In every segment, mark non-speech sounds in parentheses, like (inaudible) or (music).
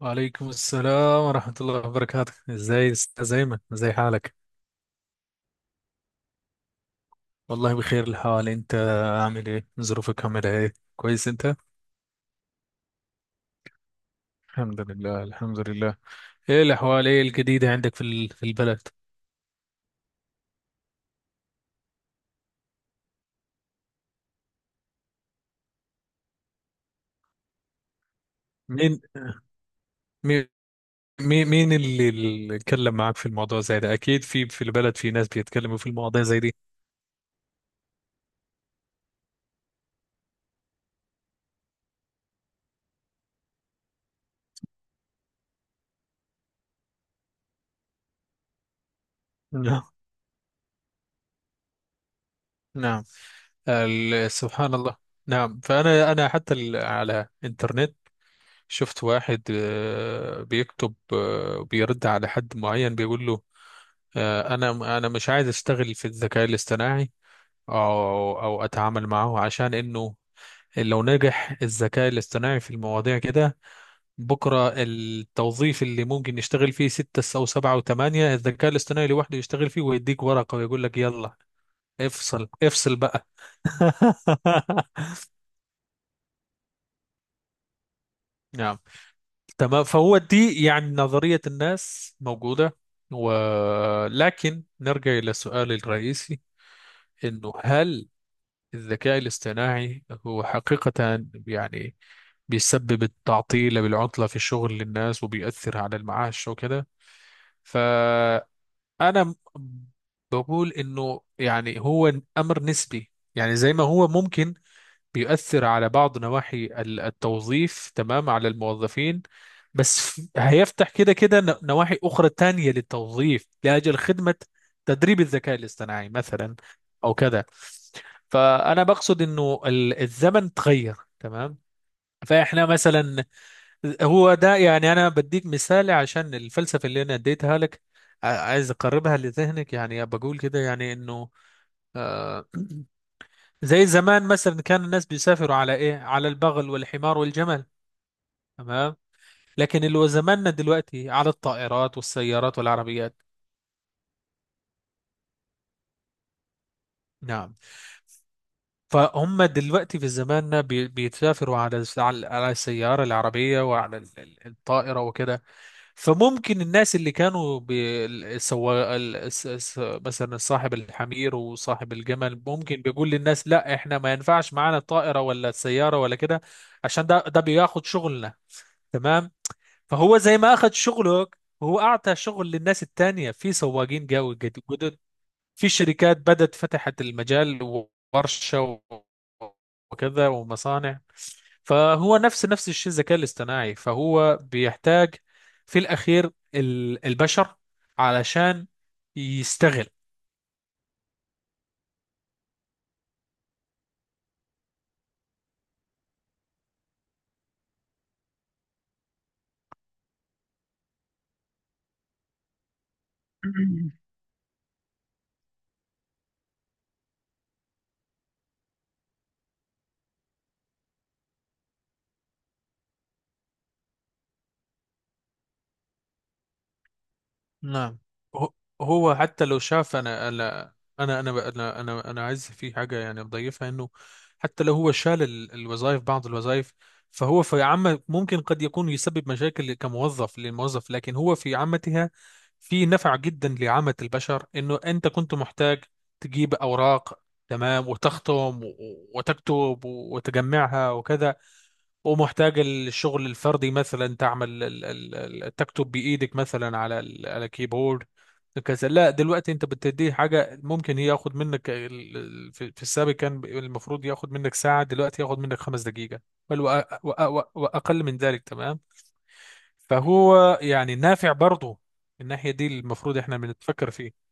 وعليكم السلام ورحمة الله وبركاته، ازاي استاذ ايمن؟ ازاي حالك؟ والله بخير الحال. انت عامل ايه؟ ظروفك عاملة ايه؟ كويس انت؟ الحمد لله، الحمد لله. ايه الاحوال؟ ايه الجديدة عندك في البلد؟ مين مين مين اللي اتكلم معاك في الموضوع زي ده؟ اكيد في البلد في ناس بيتكلموا في المواضيع زي دي. نعم، نعم. سبحان الله. نعم. فانا حتى على انترنت شفت واحد بيكتب، بيرد على حد معين بيقول له: انا مش عايز اشتغل في الذكاء الاصطناعي او اتعامل معه، عشان انه لو نجح الذكاء الاصطناعي في المواضيع كده بكره التوظيف اللي ممكن يشتغل فيه ستة او سبعة او ثمانية، الذكاء الاصطناعي لوحده يشتغل فيه ويديك ورقة ويقول لك يلا افصل افصل بقى. (laughs) تمام، فهو دي يعني نظرية الناس موجودة، ولكن نرجع إلى السؤال الرئيسي: إنه هل الذكاء الاصطناعي هو حقيقة يعني بيسبب التعطيل بالعطلة في الشغل للناس وبيأثر على المعاش وكده؟ فأنا م- بقول إنه يعني هو أمر نسبي، يعني زي ما هو ممكن بيؤثر على بعض نواحي التوظيف، تمام، على الموظفين، بس هيفتح كده كده نواحي أخرى تانية للتوظيف لأجل خدمة تدريب الذكاء الاصطناعي مثلا أو كده. فأنا بقصد إنه الزمن تغير، تمام. فإحنا مثلا، هو ده يعني أنا بديك مثال عشان الفلسفة اللي أنا اديتها لك، عايز أقربها لذهنك، يعني بقول كده يعني إنه آه زي زمان مثلا كان الناس بيسافروا على ايه؟ على البغل والحمار والجمل، تمام. لكن اللي هو زماننا دلوقتي على الطائرات والسيارات والعربيات. نعم، فهم دلوقتي في زماننا بيتسافروا على السيارة العربية وعلى الطائرة وكده. فممكن الناس اللي كانوا بي- ال- سوا ال- الس- الس- مثلا صاحب الحمير وصاحب الجمل ممكن بيقول للناس: لا، احنا ما ينفعش معانا الطائرة ولا السيارة ولا كده، عشان ده بياخد شغلنا، تمام. فهو زي ما اخذ شغلك هو اعطى شغل للناس التانية في سواقين جدد، في شركات بدت فتحت المجال، ورشة وكذا ومصانع. فهو نفس الشيء الذكاء الاصطناعي، فهو بيحتاج في الاخير البشر علشان يستغل. نعم، هو هو حتى لو شاف، أنا عايز في حاجه يعني بضيفها، انه حتى لو هو شال الوظائف بعض الوظائف، فهو في عامة ممكن قد يكون يسبب مشاكل كموظف للموظف، لكن هو في عامتها في نفع جدا لعامة البشر، انه انت كنت محتاج تجيب اوراق، تمام، وتختم وتكتب وتجمعها وكذا، ومحتاج الشغل الفردي مثلا تعمل تكتب بإيدك مثلا على كيبورد كذا. لا، دلوقتي انت بتديه حاجة ممكن هي ياخد منك في السابق كان المفروض ياخد منك ساعة، دلوقتي ياخد منك 5 دقيقة، بل وأقل من ذلك، تمام. فهو يعني نافع برضه، الناحية دي المفروض احنا بنتفكر فيه.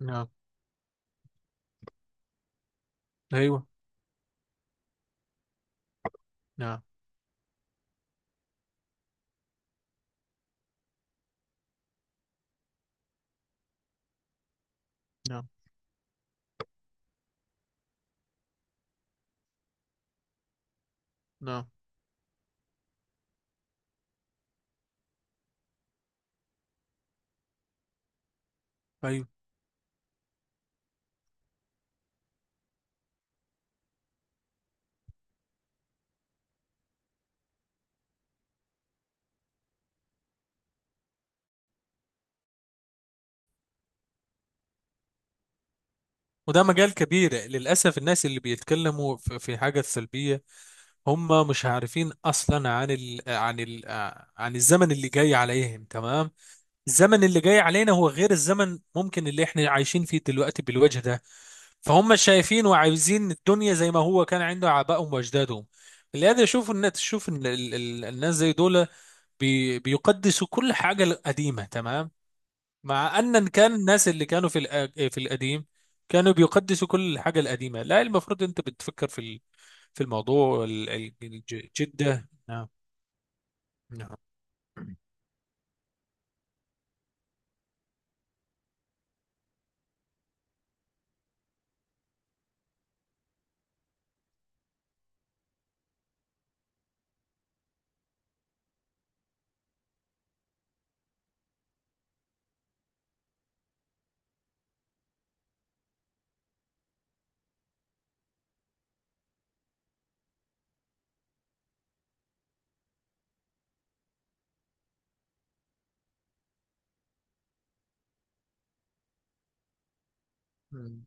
نعم، ايوه، نعم، نعم، نعم، ايوه. وده مجال كبير، للأسف الناس اللي بيتكلموا في حاجة سلبية هم مش عارفين اصلا عن الزمن اللي جاي عليهم، تمام. الزمن اللي جاي علينا هو غير الزمن ممكن اللي احنا عايشين فيه دلوقتي بالوجه ده. فهم شايفين وعايزين الدنيا زي ما هو كان عنده آبائهم واجدادهم، لهذا يشوف الناس تشوف ان الناس زي دول بي بيقدسوا كل حاجة القديمة، تمام. مع ان كان الناس اللي كانوا في القديم كانوا بيقدسوا كل الحاجة القديمة. لا، المفروض انت بتفكر في في الموضوع جدة، نعم. نعم، مم.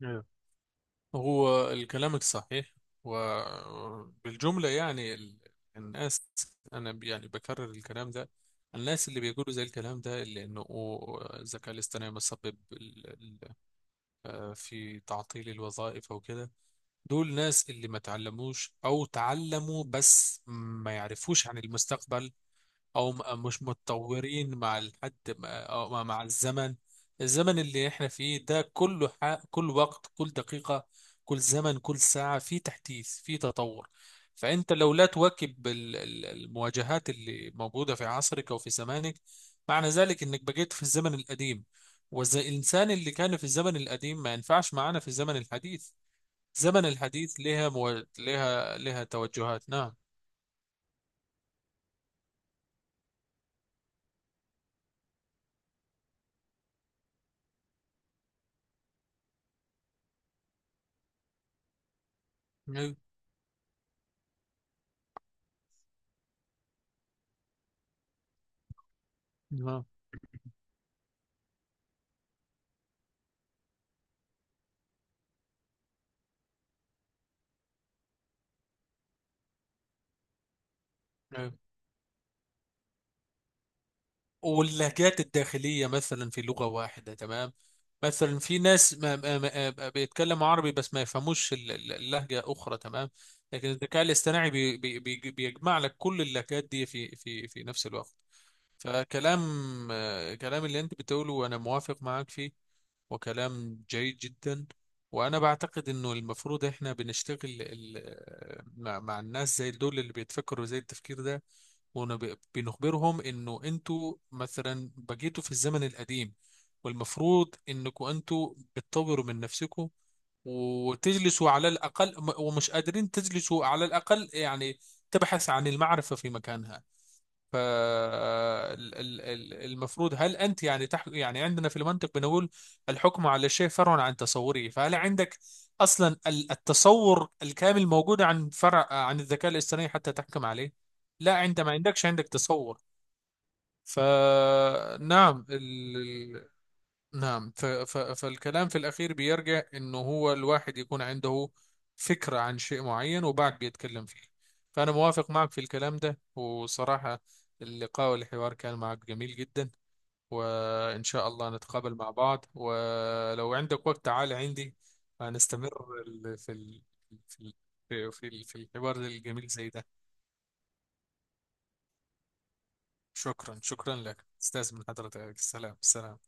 نعم. هو كلامك صحيح، وبالجملة يعني الناس أنا يعني بكرر الكلام ده، الناس اللي بيقولوا زي الكلام ده اللي إنه الذكاء الاصطناعي مسبب في تعطيل الوظائف أو كده، دول ناس اللي ما تعلموش أو تعلموا بس ما يعرفوش عن المستقبل، او مش متطورين مع الحد مع- أو مع مع الزمن، الزمن اللي احنا فيه ده كله كل وقت كل دقيقة كل زمن كل ساعة في تحديث في تطور. فانت لو لا تواكب المواجهات اللي موجودة في عصرك او في زمانك، معنى ذلك انك بقيت في الزمن القديم، والانسان اللي كان في الزمن القديم ما ينفعش معانا في الزمن الحديث. زمن الحديث لها مو... لها لها توجهات، نعم. أيوة. نعم، واللهجات الداخلية مثلا في لغة واحدة، تمام. مثلا في ناس ما بيتكلموا عربي بس ما يفهموش اللهجة أخرى، تمام. لكن الذكاء الاصطناعي بي بي بي بيجمع لك كل اللهجات دي في نفس الوقت. فكلام آه، كلام اللي انت بتقوله وانا موافق معاك فيه، وكلام جيد جدا. وانا بعتقد انه المفروض احنا بنشتغل مع الناس زي دول اللي بيتفكروا زي التفكير ده، وبنخبرهم انه انتوا مثلا بقيتوا في الزمن القديم، والمفروض انكم انتوا بتطوروا من نفسكم وتجلسوا على الأقل، ومش قادرين تجلسوا على الأقل يعني تبحث عن المعرفة في مكانها. فالمفروض هل انت يعني عندنا في المنطق بنقول: الحكم على الشيء فرع عن تصوره، فهل عندك اصلا التصور الكامل موجود عن فرع عن الذكاء الاصطناعي حتى تحكم عليه؟ لا، انت ما عندكش، عندك تصور. فنعم، نعم، فالكلام في الأخير بيرجع إنه هو الواحد يكون عنده فكرة عن شيء معين وبعد بيتكلم فيه. فأنا موافق معك في الكلام ده، وصراحة اللقاء والحوار كان معك جميل جدا، وإن شاء الله نتقابل مع بعض، ولو عندك وقت تعال عندي. هنستمر ال- في ال... في ال... في في في الحوار الجميل زي ده. شكرا، شكرا لك استاذ، من حضرتك السلام، السلام.